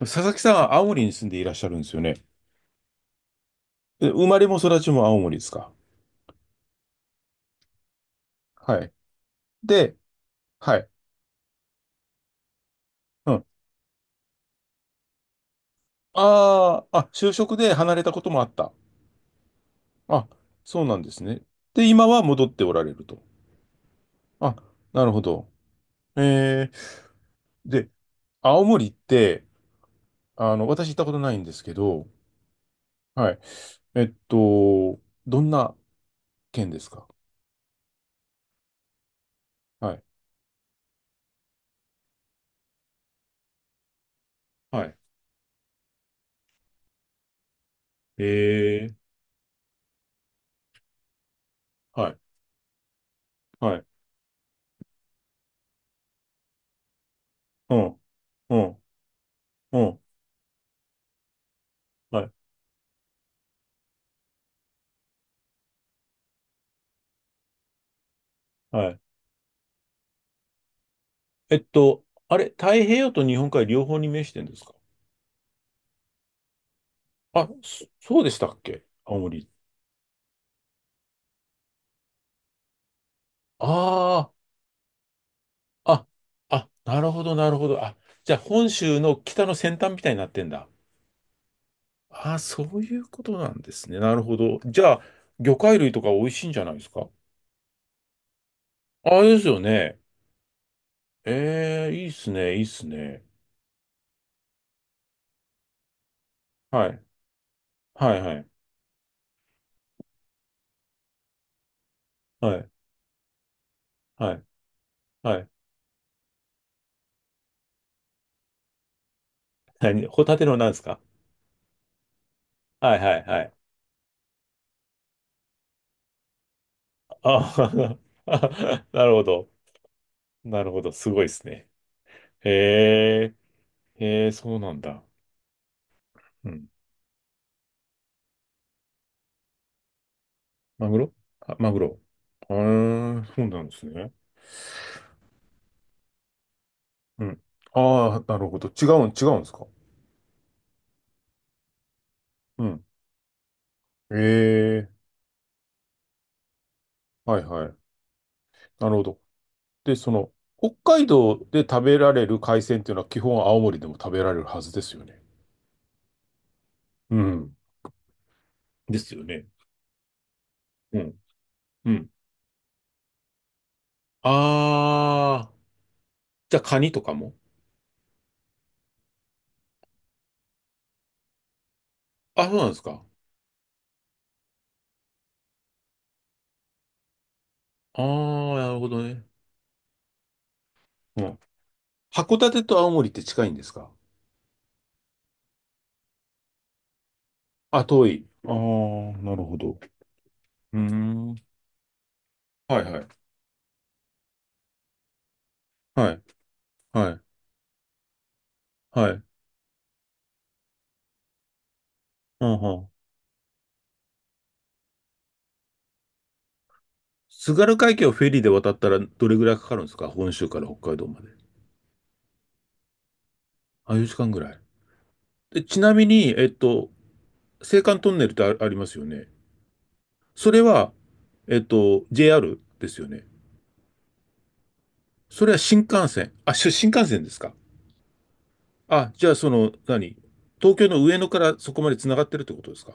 佐々木さんは青森に住んでいらっしゃるんですよね。生まれも育ちも青森ですか？はい。で、はい。うん。ああ、あ、就職で離れたこともあった。あ、そうなんですね。で、今は戻っておられると。あ、なるほど。えー、で、青森って、あの、私行ったことないんですけど、はい。えっと、どんな県ですか？はい。はい。えー、はい。はい。うん。うん。うん。はい。はい。あれ、太平洋と日本海両方に面してんですか？あ、そ、そうでしたっけ青森。ああ、あ、あ、なるほど、なるほど。あ、じゃあ本州の北の先端みたいになってんだ。ああ、そういうことなんですね。なるほど。じゃあ、魚介類とか美味しいんじゃないですか？ああ、ですよね。ええ、いいっすね、いいっすね。はい、はい、はい、はい、はい、はい。何ホタテのなんですか？はい、はい、はい。ああ、なるほど。なるほど。すごいですね。へえ、へえ、そうなんだ。うん。マグロ、あ、マグロ。ああ、そうなんですね。うん。ああ、なるほど。違うん、違うんですか。うん。ええ、はいはい。なるほど。で、その、北海道で食べられる海鮮っていうのは基本青森でも食べられるはずですよね。うん。ですよね。うん。うん。ああ、じゃあカニとかも。あ、そうなんですか。ああ、なるほどね。うん。函館と青森って近いんですか？あ、遠い。ああ、なるほど。うーん。はいはい。はい。はい。はい。あんはん。津軽海峡をフェリーで渡ったらどれぐらいかかるんですか本州から北海道まで。あ、4時間ぐらい。で、ちなみに、青函トンネルってあ、ありますよね。それは、JR ですよね。それは新幹線。あ、し新幹線ですか？あ、じゃあその、何東京の上野からそこまで繋がってるってことですか？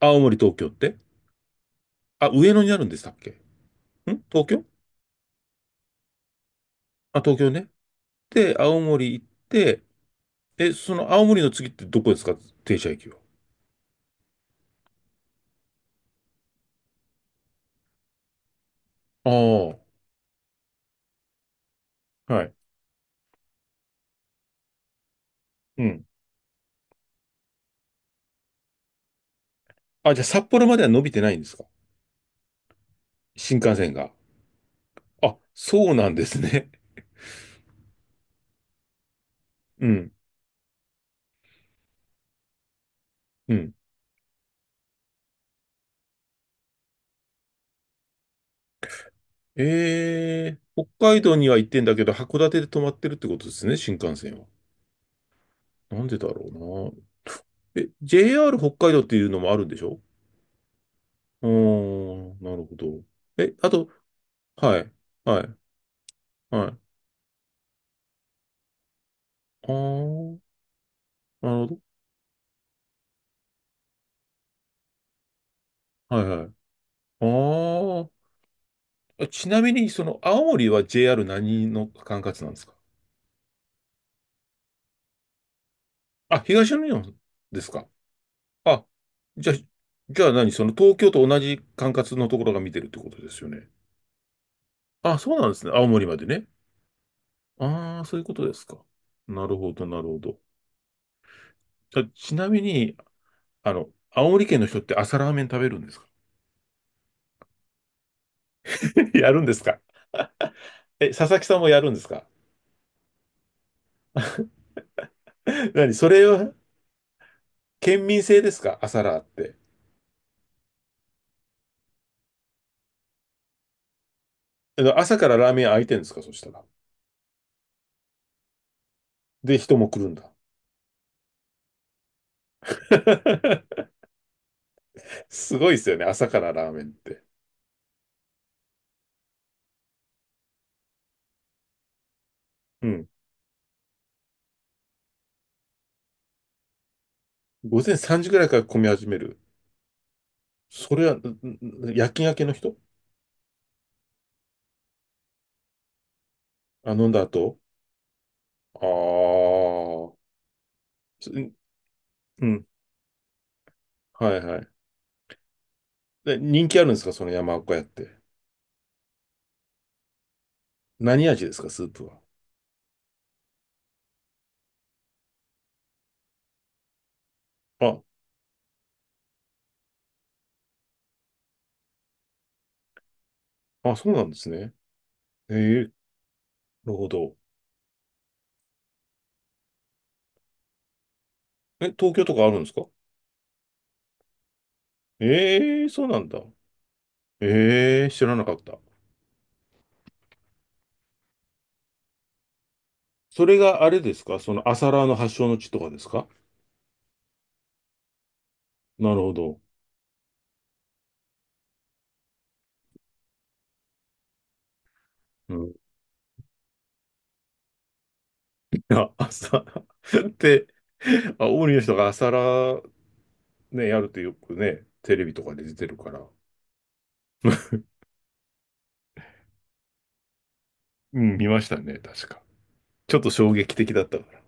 青森、東京って、あ、上野にあるんでしたっけ。ん東京、あ、東京ね。で、青森行って、え、その青森の次ってどこですか、停車駅は。ああ、はい。うん。あ、じゃあ札幌までは伸びてないんですか、新幹線が。あ、そうなんですね。うん、うん。北海道には行ってんだけど、函館で止まってるってことですね、新幹線は。なんでだろうな。え、JR 北海道っていうのもあるんでしょ？うーん、なるほど。え、あと、はい、はい、はい。ああ、なるほど。はい、はい。ああ、ちなみに、その、青森は JR 何の管轄なんですか？あ、東日本ですか？あ、じゃあ、じゃあ何その東京と同じ管轄のところが見てるってことですよね。あ、そうなんですね。青森までね。ああ、そういうことですか。なるほど、なるほど。じゃあちなみに、あの、青森県の人って朝ラーメン食べるんですか？ やるんですか？え、佐々木さんもやるんですか？何それは、県民性ですか朝ラーって。あの朝からラーメン開いてるんですかそしたら。で、人も来るんだ。すごいですよね、朝からラーメンって。うん。午前3時ぐらいから混み始める。それは、んん夜勤明けの人？あ、飲んだ後。ああー、す、うん。はいはい。で、人気あるんですか、その山岡屋って。何味ですか、スープは。あ、あ、そうなんですね。ええ、なるほど。え、東京とかあるんですか？ええそうなんだ。ええ知らなかった。それがあれですかその朝ラーの発祥の地とかですか？なるほど。あ、朝って あ、大リの人が朝ラね、やるとよくね、テレビとかで出てるから。うん、見ましたね、確か。ちょっと衝撃的だったから。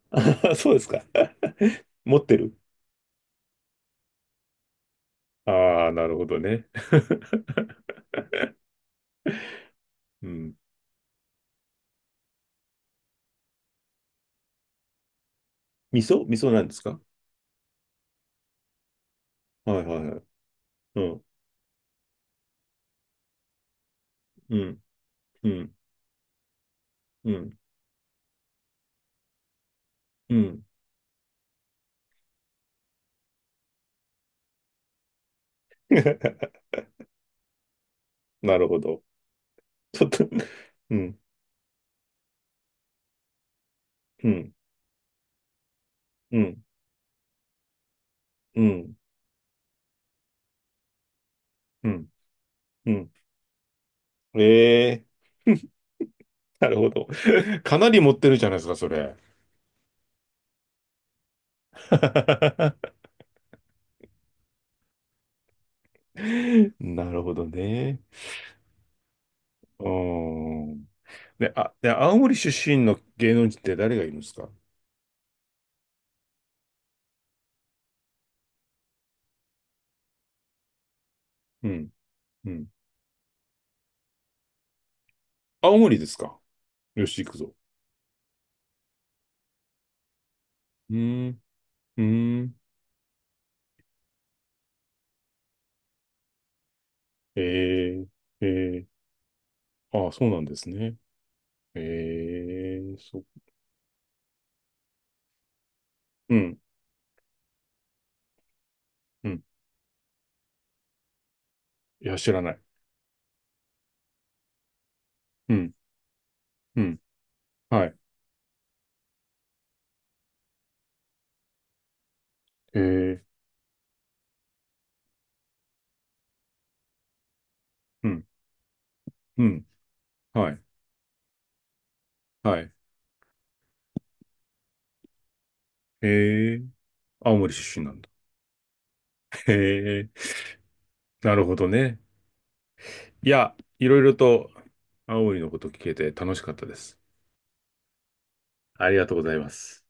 あそうですか。持ってる。ああー、なるほどね。うん。味噌味噌なんですか？はいはいはい。うん、うん、うん、うん、うん。なるほど。ちょっと、うん、うん、うん、うん、うん、うん。ええ、なるほど。かなり持ってるじゃないですか、それ。なるほどね。うーん。で、あ、で、青森出身の芸能人って誰がいるんですか？うん。うん。青森ですか？よし、行くぞ。うーん。うーん。えー、えー、ああ、そうなんですね。えー、そ、うん。うん。いや、知らない。うん。うん。はい。えー、うん。うん。はい。はい。えー、青森出身なんだ。へえ、なるほどね。いや、いろいろと青森のこと聞けて楽しかったです。ありがとうございます。